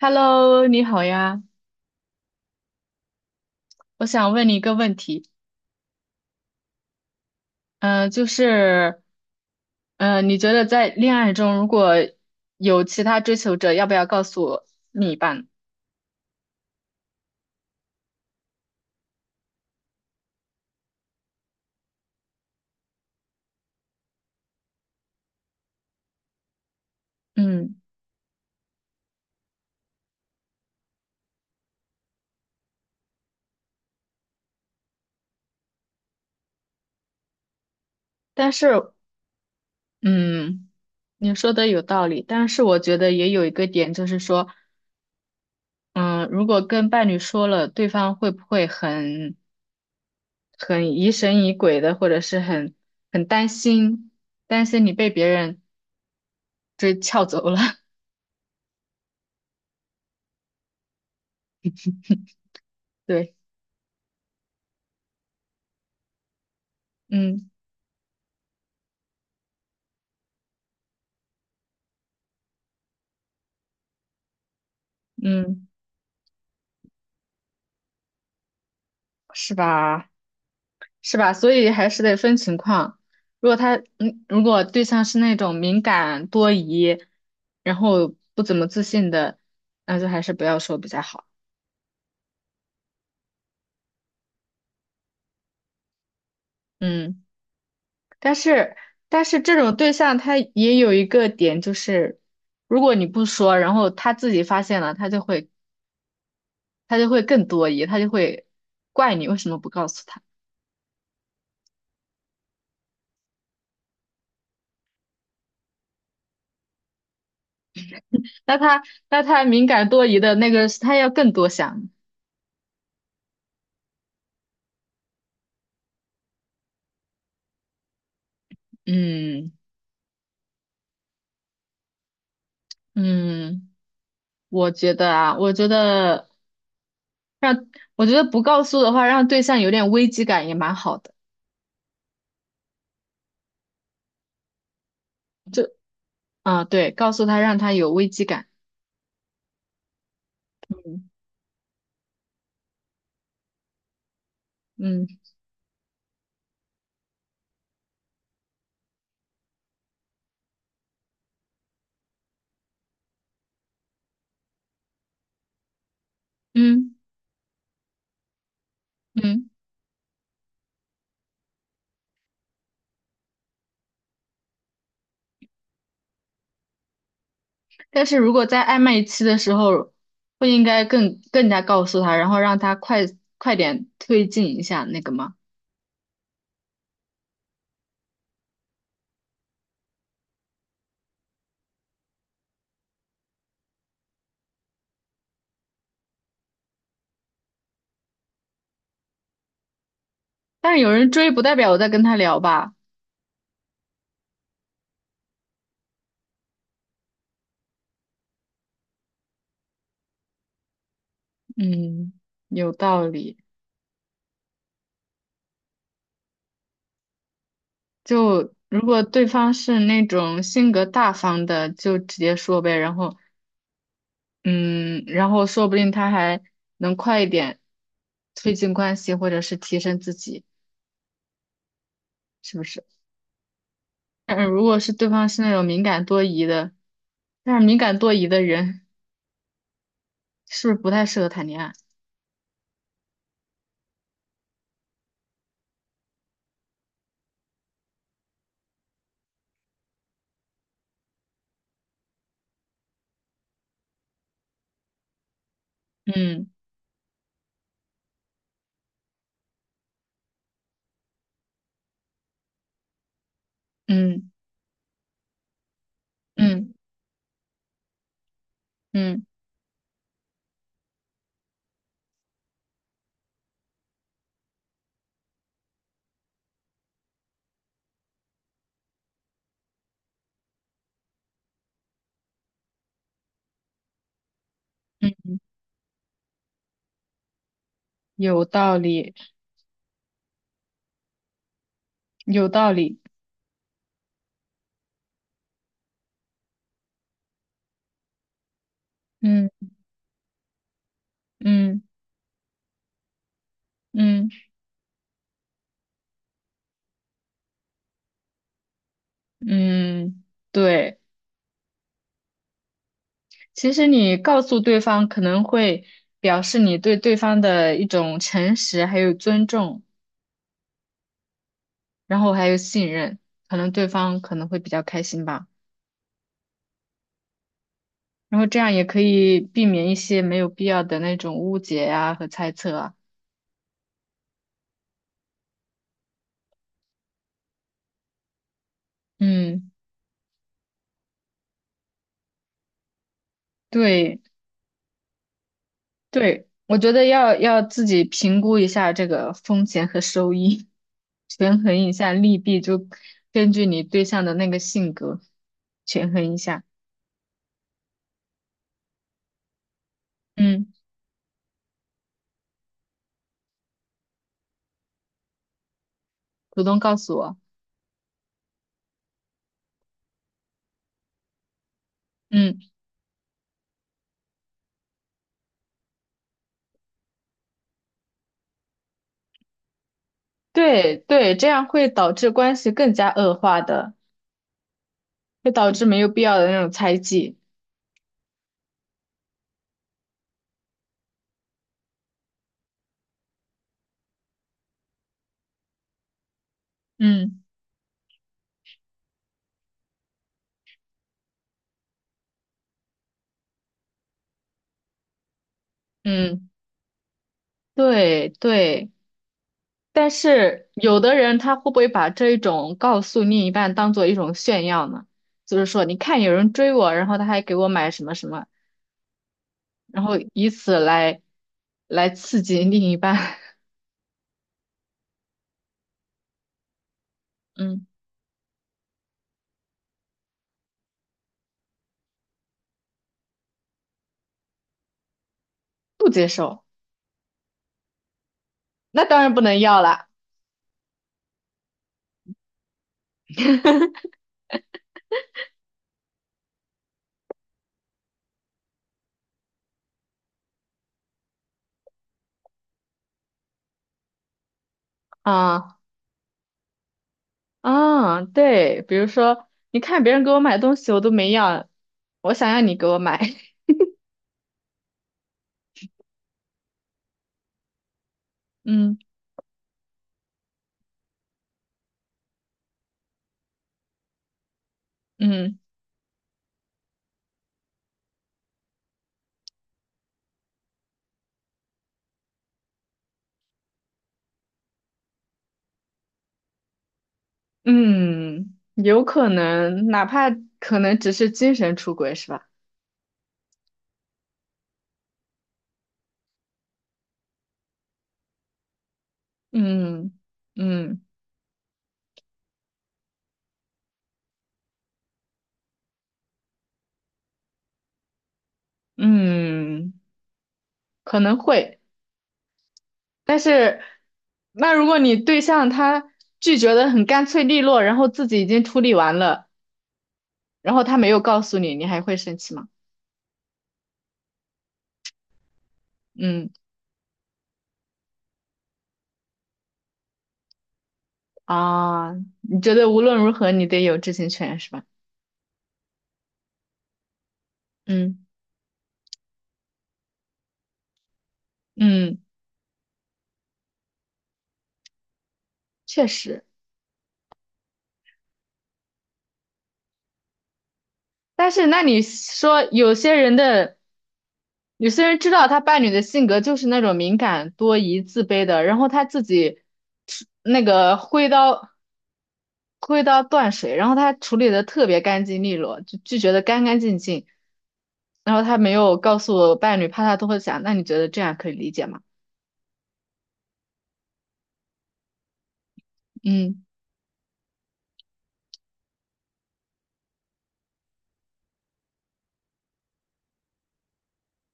Hello，你好呀，我想问你一个问题，嗯，就是，你觉得在恋爱中，如果有其他追求者，要不要告诉另一半？嗯，但是，嗯，你说的有道理，但是我觉得也有一个点，就是说，嗯，如果跟伴侣说了，对方会不会很疑神疑鬼的，或者是很担心，担心你被别人追撬走了？对，嗯嗯，是吧？是吧？所以还是得分情况。如果对象是那种敏感多疑，然后不怎么自信的，那就还是不要说比较好。嗯，但是这种对象他也有一个点，就是如果你不说，然后他自己发现了，他就会更多疑，他就会怪你为什么不告诉他。那他那他敏感多疑的那个，他要更多想。嗯嗯，我觉得啊，我觉得。让我觉得不告诉的话，让对象有点危机感也蛮好的。就啊，对，告诉他让他有危机感。嗯嗯嗯。嗯。但是如果在暧昧期的时候，不应该更加告诉他，然后让他快点推进一下那个吗？但是有人追，不代表我在跟他聊吧。嗯，有道理。就如果对方是那种性格大方的，就直接说呗，然后说不定他还能快一点推进关系，或者是提升自己，是不是？嗯，如果是对方是那种敏感多疑的，但是敏感多疑的人是不是不太适合谈恋爱？嗯嗯嗯嗯嗯，有道理，有道理。嗯嗯嗯嗯，对。其实你告诉对方可能会表示你对对方的一种诚实还有尊重。然后还有信任，可能对方可能会比较开心吧。然后这样也可以避免一些没有必要的那种误解呀和猜测啊。嗯，对对，我觉得要自己评估一下这个风险和收益，权衡一下利弊，就根据你对象的那个性格权衡一下。嗯，主动告诉我。嗯，对对，这样会导致关系更加恶化的，会导致没有必要的那种猜忌。嗯嗯。对对，但是有的人他会不会把这一种告诉另一半当做一种炫耀呢？就是说，你看有人追我，然后他还给我买什么什么，然后以此来刺激另一半，嗯，不接受，那当然不能要了啊啊，对，比如说，你看别人给我买东西，我都没要，我想要你给我买，嗯嗯嗯，有可能，哪怕可能只是精神出轨，是吧？嗯嗯嗯，可能会，但是那如果你对象他拒绝的很干脆利落，然后自己已经处理完了，然后他没有告诉你，你还会生气吗？嗯啊，你觉得无论如何你得有知情权是吧？嗯嗯，确实，但是那你说有些人知道他伴侣的性格就是那种敏感、多疑、自卑的，然后他自己那个挥刀。灰到断水，然后他处理的特别干净利落，就拒绝的干干净净。然后他没有告诉我伴侣怕他都会想，那你觉得这样可以理解吗？嗯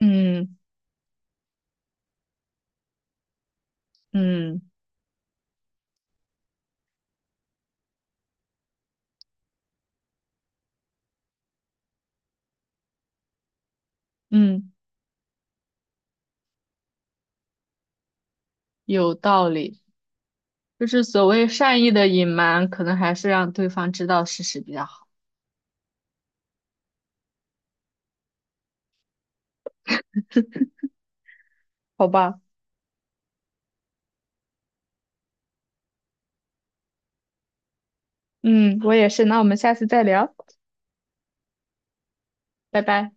嗯嗯嗯，有道理。就是所谓善意的隐瞒，可能还是让对方知道事实比较好，好吧？嗯，我也是。那我们下次再聊，拜拜。